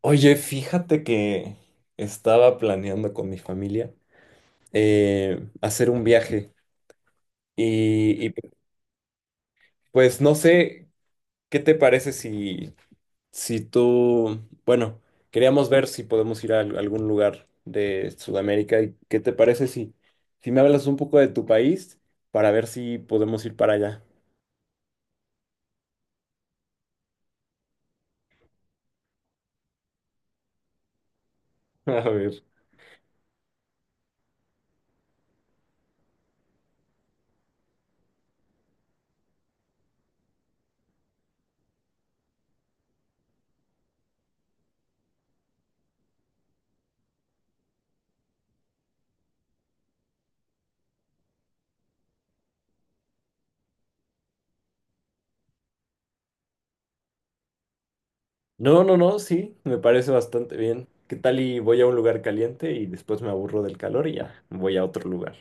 Oye, fíjate que estaba planeando con mi familia hacer un viaje y, y, pues no sé qué te parece si, si tú, bueno, queríamos ver si podemos ir a algún lugar de Sudamérica y qué te parece si, si me hablas un poco de tu país para ver si podemos ir para allá. A ver. No, no, no, sí, me parece bastante bien. ¿Qué tal y voy a un lugar caliente y después me aburro del calor y ya voy a otro lugar?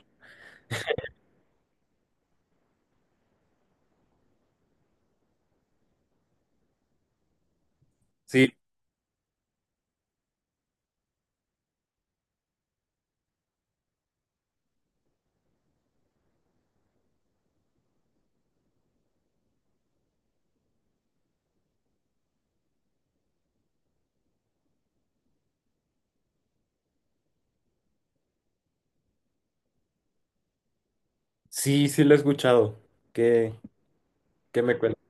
Sí, sí lo he escuchado. ¿Qué, ¿qué me cuentas?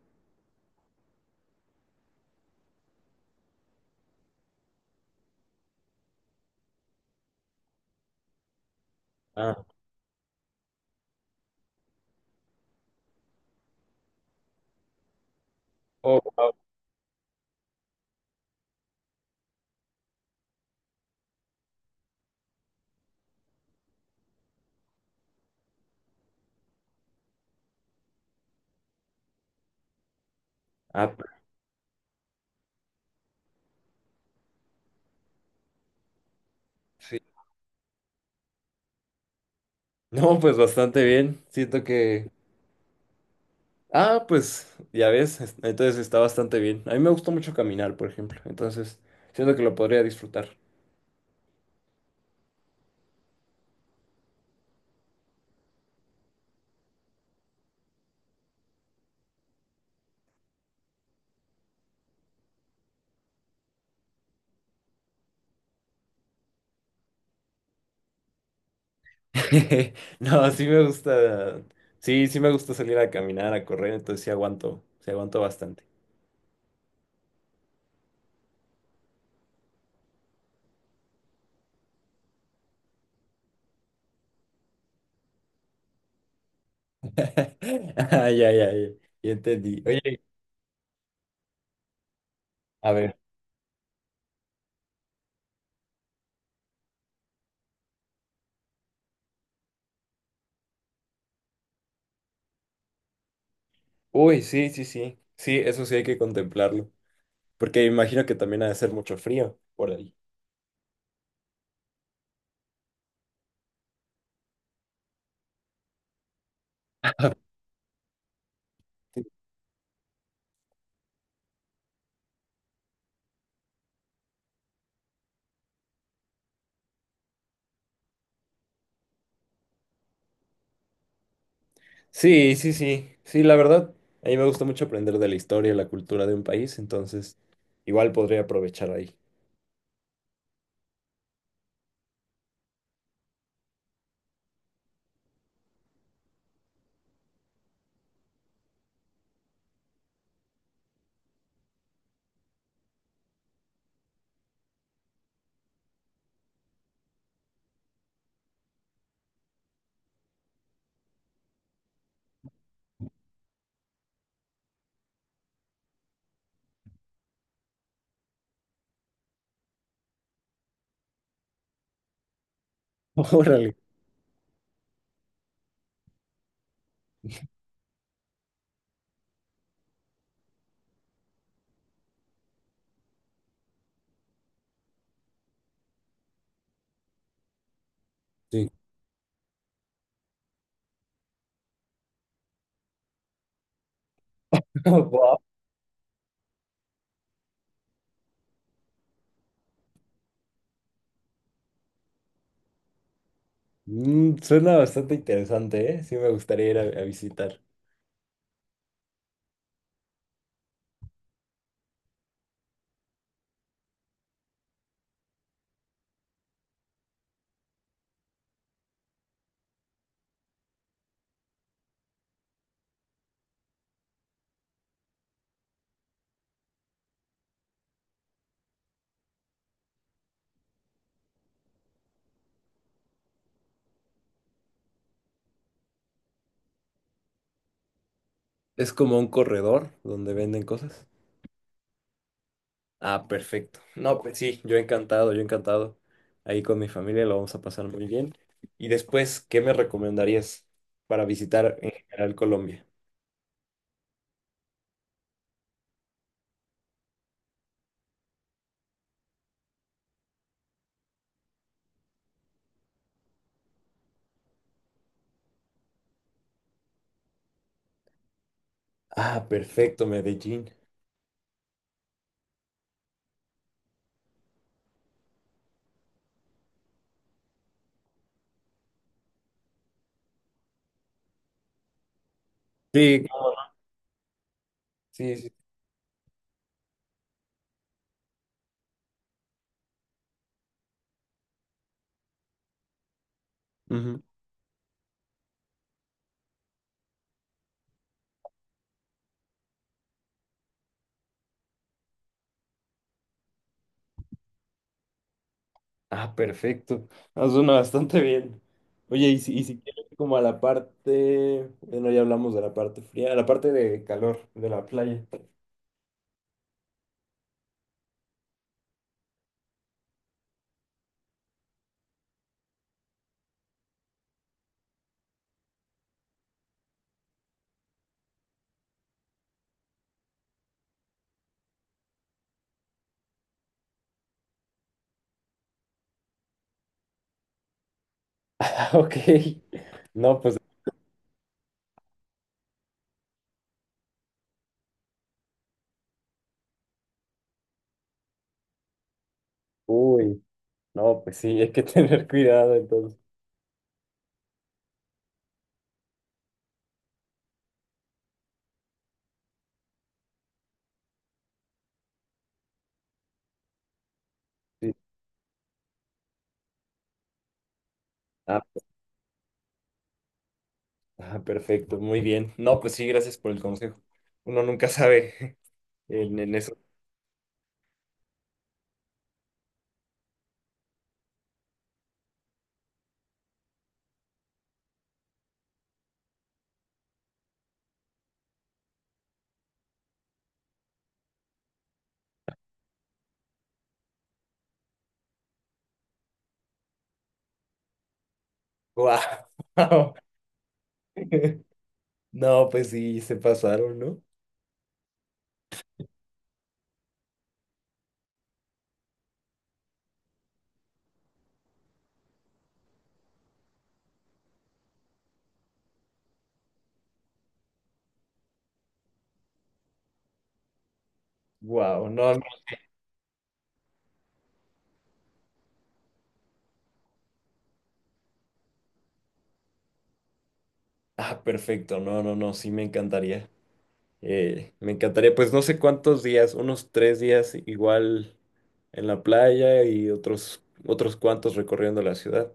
Ah, oh, wow. Ah, p- sí. No, pues bastante bien. Siento que. Ah, pues ya ves, es- entonces está bastante bien. A mí me gusta mucho caminar, por ejemplo. Entonces, siento que lo podría disfrutar. No, sí me gusta. Sí, me gusta salir a caminar, a correr, entonces sí aguanto bastante. Ah, ya. Ya entendí. Oye, a ver. Uy, sí. Sí, eso sí hay que contemplarlo. Porque imagino que también ha de ser mucho frío por ahí. Sí, sí, la verdad. A mí me gusta mucho aprender de la historia y la cultura de un país, entonces igual podría aprovechar ahí. Órale. Sí. Wow. Mm, suena bastante interesante, ¿eh? Sí, me gustaría a visitar. Es como un corredor donde venden cosas. Ah, perfecto. No, pues sí, yo encantado. Ahí con mi familia lo vamos a pasar muy bien. Y después, ¿qué me recomendarías para visitar en general Colombia? Ah, perfecto, Medellín. Sí, sí. Ujú. Ah, perfecto. Ah, suena bastante bien. Oye, y si quieres como a la parte, bueno, ya hablamos de la parte fría, a la parte de calor de la playa. Ah, ok. No, pues, uy, no, pues sí, hay que tener cuidado entonces. Sí. Ah, ah, perfecto, muy bien. No, pues sí, gracias por el consejo. Uno nunca sabe en eso. Wow. No, pues sí, se pasaron, ¿no? Wow, no. Ah, perfecto. No, no, no, sí me encantaría. Me encantaría, pues no sé cuántos días, unos 3 días igual en la playa y otros, otros cuantos recorriendo la ciudad.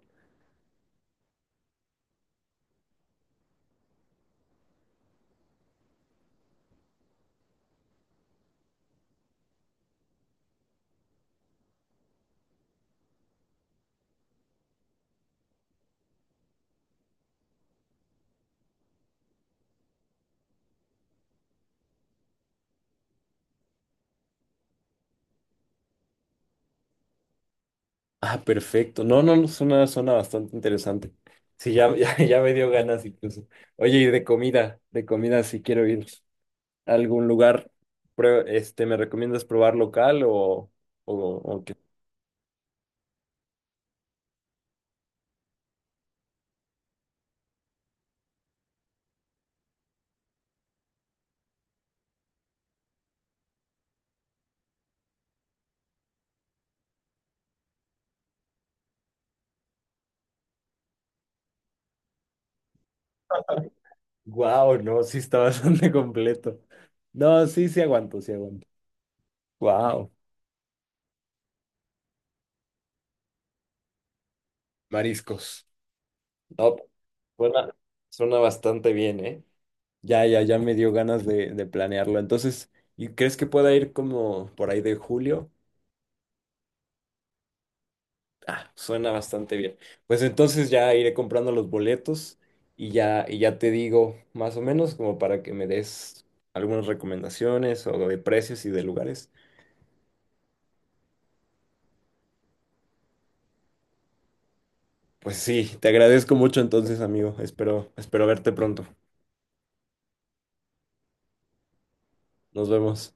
Ah, perfecto. No, no, no, suena, suena bastante interesante. Sí, ya, ya me dio ganas incluso. Oye, de comida, si quiero ir a algún lugar, ¿me recomiendas probar local o qué? Wow, no, sí está bastante completo. No, sí, sí aguanto. Wow. Mariscos. No, suena, suena bastante bien, ¿eh? Ya me dio ganas de planearlo. Entonces, ¿y crees que pueda ir como por ahí de julio? Suena bastante bien. Pues entonces ya iré comprando los boletos y ya te digo más o menos como para que me des algunas recomendaciones o de precios y de lugares. Pues sí, te agradezco mucho entonces, amigo. Espero, espero verte pronto. Nos vemos.